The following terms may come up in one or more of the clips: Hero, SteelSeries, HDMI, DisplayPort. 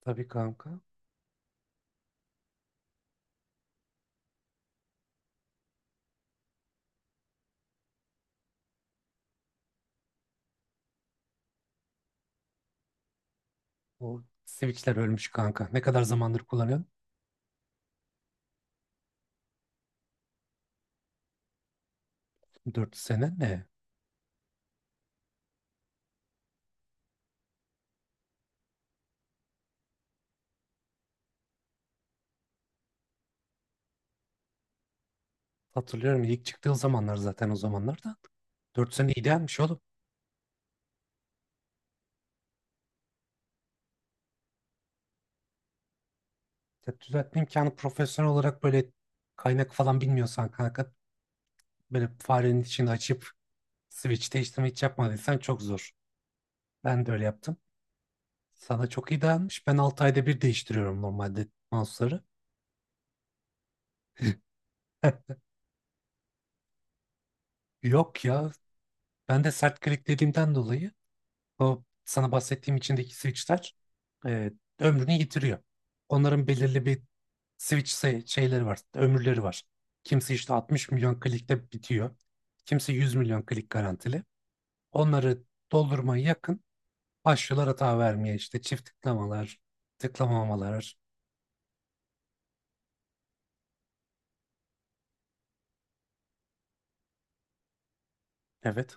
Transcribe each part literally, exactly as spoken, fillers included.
Tabii kanka. O Switch'ler ölmüş kanka. Ne kadar zamandır kullanıyorum? Dört sene mi? Hatırlıyorum, ilk çıktığı zamanlar zaten, o zamanlar da. dört sene idealmiş oğlum. Ya düzeltme imkanı profesyonel olarak, böyle kaynak falan bilmiyorsan kanka, böyle farenin içini açıp switch değiştirme hiç yapmadıysan çok zor. Ben de öyle yaptım. Sana çok iyi dayanmış. Ben altı ayda bir değiştiriyorum normalde mouse'ları. Yok ya. Ben de sert kliklediğimden dolayı o sana bahsettiğim içindeki switchler e, ömrünü yitiriyor. Onların belirli bir switch say- şeyleri var, ömürleri var. Kimisi işte altmış milyon klikte bitiyor. Kimisi yüz milyon klik garantili. Onları doldurmaya yakın başlıyorlar hata vermeye, işte çift tıklamalar, tıklamamalar. Evet.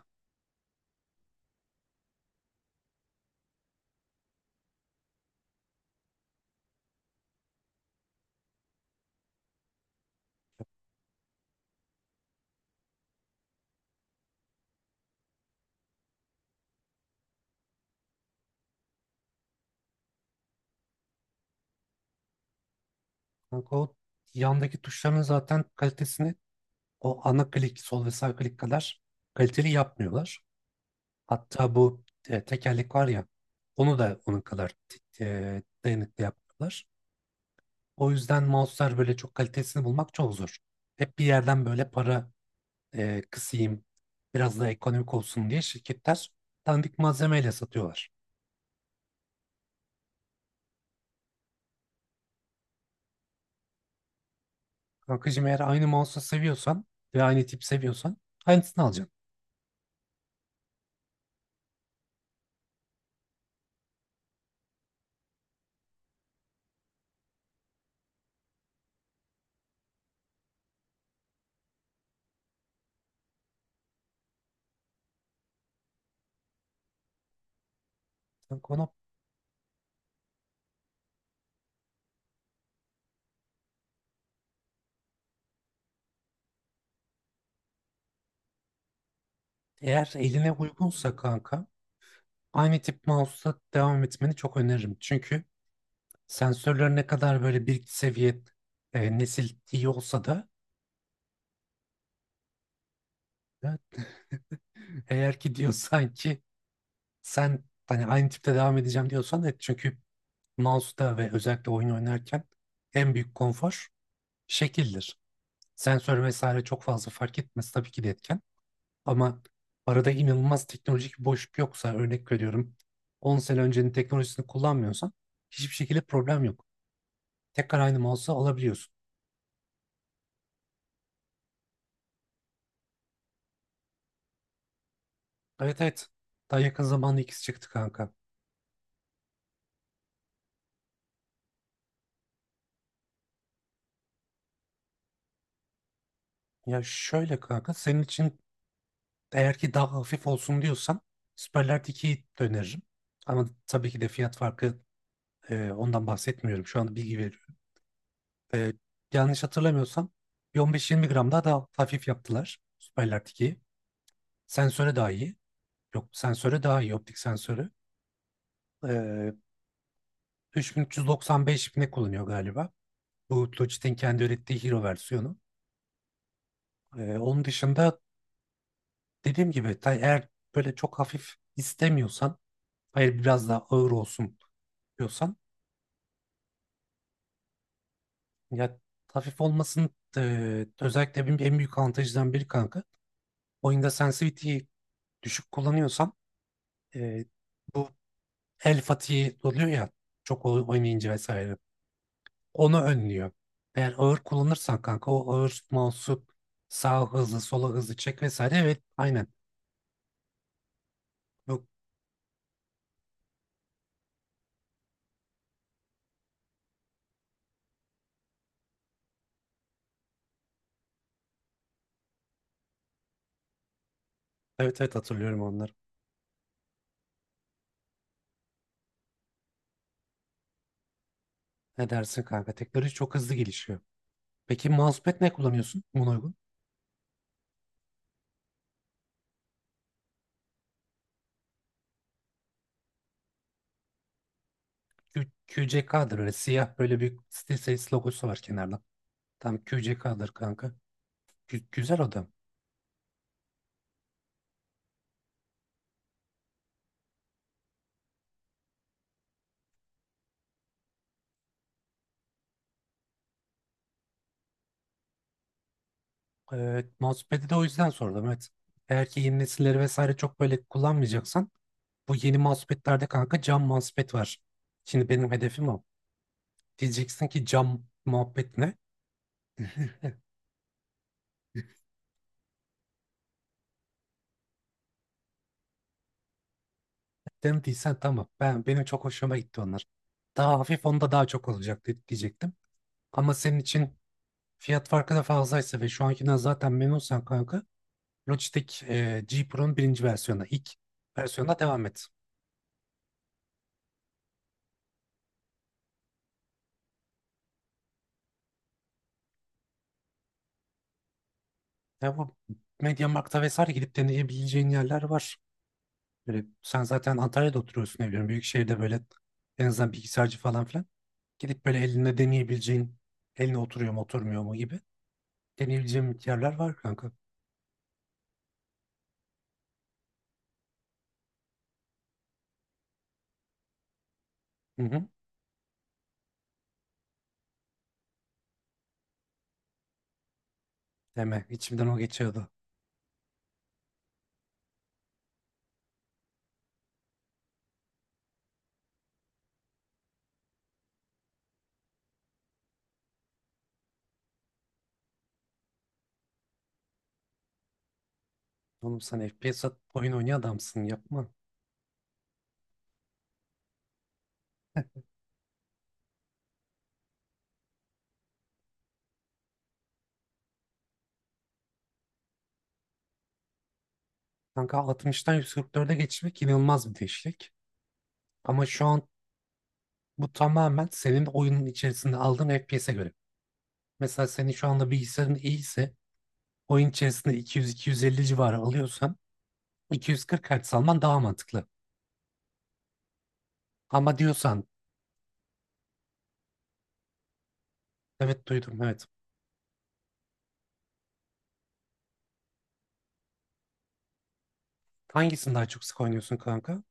Kanka, o yandaki tuşların zaten kalitesini o ana klik, sol ve sağ klik kadar kaliteli yapmıyorlar. Hatta bu e, tekerlek var ya, onu da onun kadar t- e, dayanıklı yaptılar. O yüzden mouse'lar, böyle çok kalitesini bulmak çok zor. Hep bir yerden böyle para e, kısayım, biraz da ekonomik olsun diye, şirketler dandik malzemeyle satıyorlar. Kankacığım, eğer aynı mouse'u seviyorsan ve aynı tip seviyorsan aynısını alacaksın. Kanka onu, eğer eline uygunsa kanka, aynı tip mouse'la devam etmeni çok öneririm. Çünkü Sensörler ne kadar böyle bir seviye, e, nesil iyi olsa da, e, eğer ki diyorsan ki sen hani aynı tipte devam edeceğim, diyorsan et. Çünkü mouse'da ve özellikle oyun oynarken en büyük konfor şekildir. Sensör vesaire çok fazla fark etmez, tabii ki de etken. Ama arada inanılmaz teknolojik bir boşluk yoksa, örnek veriyorum, on sene öncenin teknolojisini kullanmıyorsan hiçbir şekilde problem yok. Tekrar aynı mouse'u alabiliyorsun. Evet, evet. Daha yakın zamanda ikisi çıktı kanka. Ya şöyle kanka, senin için eğer ki daha hafif olsun diyorsan Superlight ikiyi öneririm. Ama tabii ki de fiyat farkı, e, ondan bahsetmiyorum. Şu anda bilgi veriyorum. E, Yanlış hatırlamıyorsam bir on beş yirmi gram daha da hafif yaptılar Superlight ikiyi. Sensöre daha iyi. Yok, sensöre daha iyi, optik sensörü. E, üç bin üç yüz doksan beş ne kullanıyor galiba. Bu Logitech'in kendi ürettiği Hero versiyonu. E, onun dışında dediğim gibi, ta- eğer böyle çok hafif istemiyorsan, hayır biraz daha ağır olsun diyorsan, ya hafif olmasın, e, özellikle benim en büyük avantajından biri kanka. Oyunda sensitivity'yi düşük kullanıyorsan, e, bu el fatihi oluyor ya, çok oy- oynayınca vesaire. Onu önlüyor. Eğer ağır kullanırsan kanka, o ağır mouse'u sağa hızlı sola hızlı çek vesaire, evet aynen. Bu, evet, evet, hatırlıyorum onları. Ne dersin kanka? Teknoloji çok hızlı gelişiyor. Peki mousepad ne kullanıyorsun buna uygun? Q- QCK'dır, öyle siyah, böyle bir SteelSeries logosu var kenarda. Tam Q C K'dır kanka. Gü- güzel adam. Evet, mousepad'i de o yüzden sordum, evet. Eğer ki yeni nesilleri vesaire çok böyle kullanmayacaksan, bu yeni mousepad'lerde kanka cam mousepad var. Şimdi benim hedefim o. Diyeceksin ki, cam muhabbet ne? Demediysen tamam. Ben, benim çok hoşuma gitti onlar. Daha hafif onda daha çok olacak de- diyecektim. Ama senin için fiyat farkı da fazlaysa ve şu ankinden zaten memnunsan kanka, Logitech e, G Pro'nun birinci versiyonuna, ilk versiyonuna devam et. Ya bu MediaMarkt'ta vesaire gidip deneyebileceğin yerler var. Böyle, sen zaten Antalya'da oturuyorsun, ne biliyorum, büyük şehirde böyle en azından bilgisayarcı falan filan. Gidip böyle elinde deneyebileceğin, eline oturuyor mu oturmuyor mu gibi deneyebileceğin yerler var kanka. Hı hı. Deme. İçimden o geçiyordu. Oğlum sen F P S at- oyun oynayan adamsın, yapma. Kanka altmıştan yüz kırk dörde geçmek inanılmaz bir değişiklik. Ama şu an, Bu tamamen senin oyunun içerisinde aldığın F P S'e göre. Mesela senin şu anda bilgisayarın iyiyse, oyun içerisinde iki yüz iki yüz elli civarı alıyorsan iki yüz kırk Hz alman daha mantıklı. Ama diyorsan... Evet, duydum, evet. Hangisini daha çok sık oynuyorsun kanka?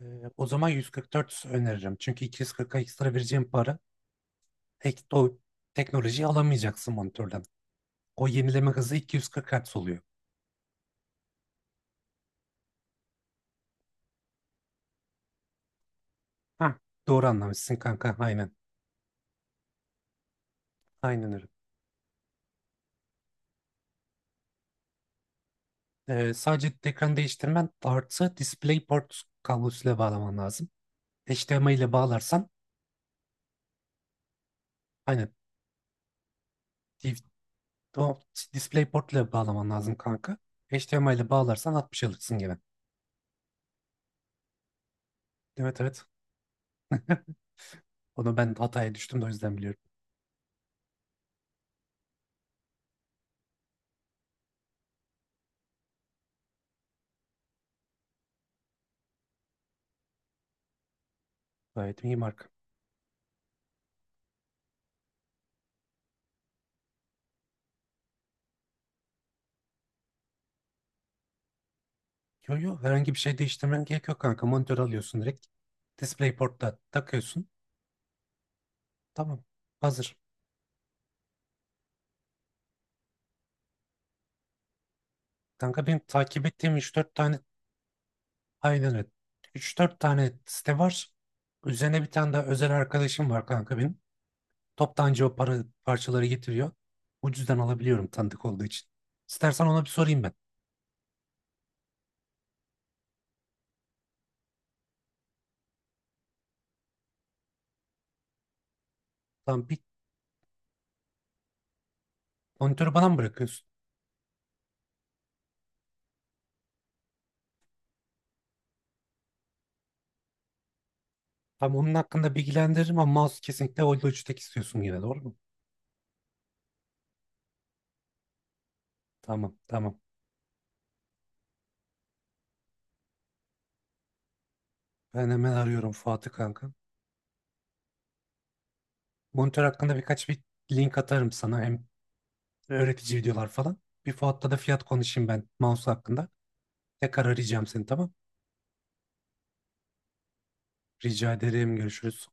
Ee, O zaman yüz kırk dört öneririm. Çünkü iki yüz kırka ekstra vereceğim para ek, o teknolojiyi alamayacaksın monitörden. O yenileme hızı iki yüz kırk Hz oluyor. Ha, doğru anlamışsın kanka, aynen. Aynen öyle. Ee, sadece ekranı değiştirmen artı DisplayPort kablosuyla bağlaman lazım. H D M I ile bağlarsan, aynen, di- o DisplayPort ile bağlaman lazım kanka. H D M I ile bağlarsan altmış alırsın gibi. Evet, evet. Onu ben hataya düştüm de, o yüzden biliyorum. Gayet iyi marka. Yo, yo, herhangi bir şey değiştirmen gerek yok kanka. Monitör alıyorsun direkt. DisplayPort'ta takıyorsun. Tamam. Hazır. Kanka benim takip ettiğim üç dört tane... Aynen öyle. Üç dört tane site var. Üzerine bir tane daha özel arkadaşım var kanka benim. Toptancı o para, parçaları getiriyor. Ucuzdan alabiliyorum tanıdık olduğu için. İstersen ona bir sorayım ben. Tamam, bir monitörü bana mı bırakıyorsun? Tamam, onun hakkında bilgilendiririm ama mouse kesinlikle Volvo üçtek istiyorsun yine, doğru mu? Tamam, tamam. Ben hemen arıyorum Fuat'ı kanka. Monitör hakkında birkaç bir link atarım sana. Hem öğretici videolar falan. Bir Fuat'ta da fiyat konuşayım ben mouse hakkında. Tekrar arayacağım seni, tamam. Rica ederim. Görüşürüz.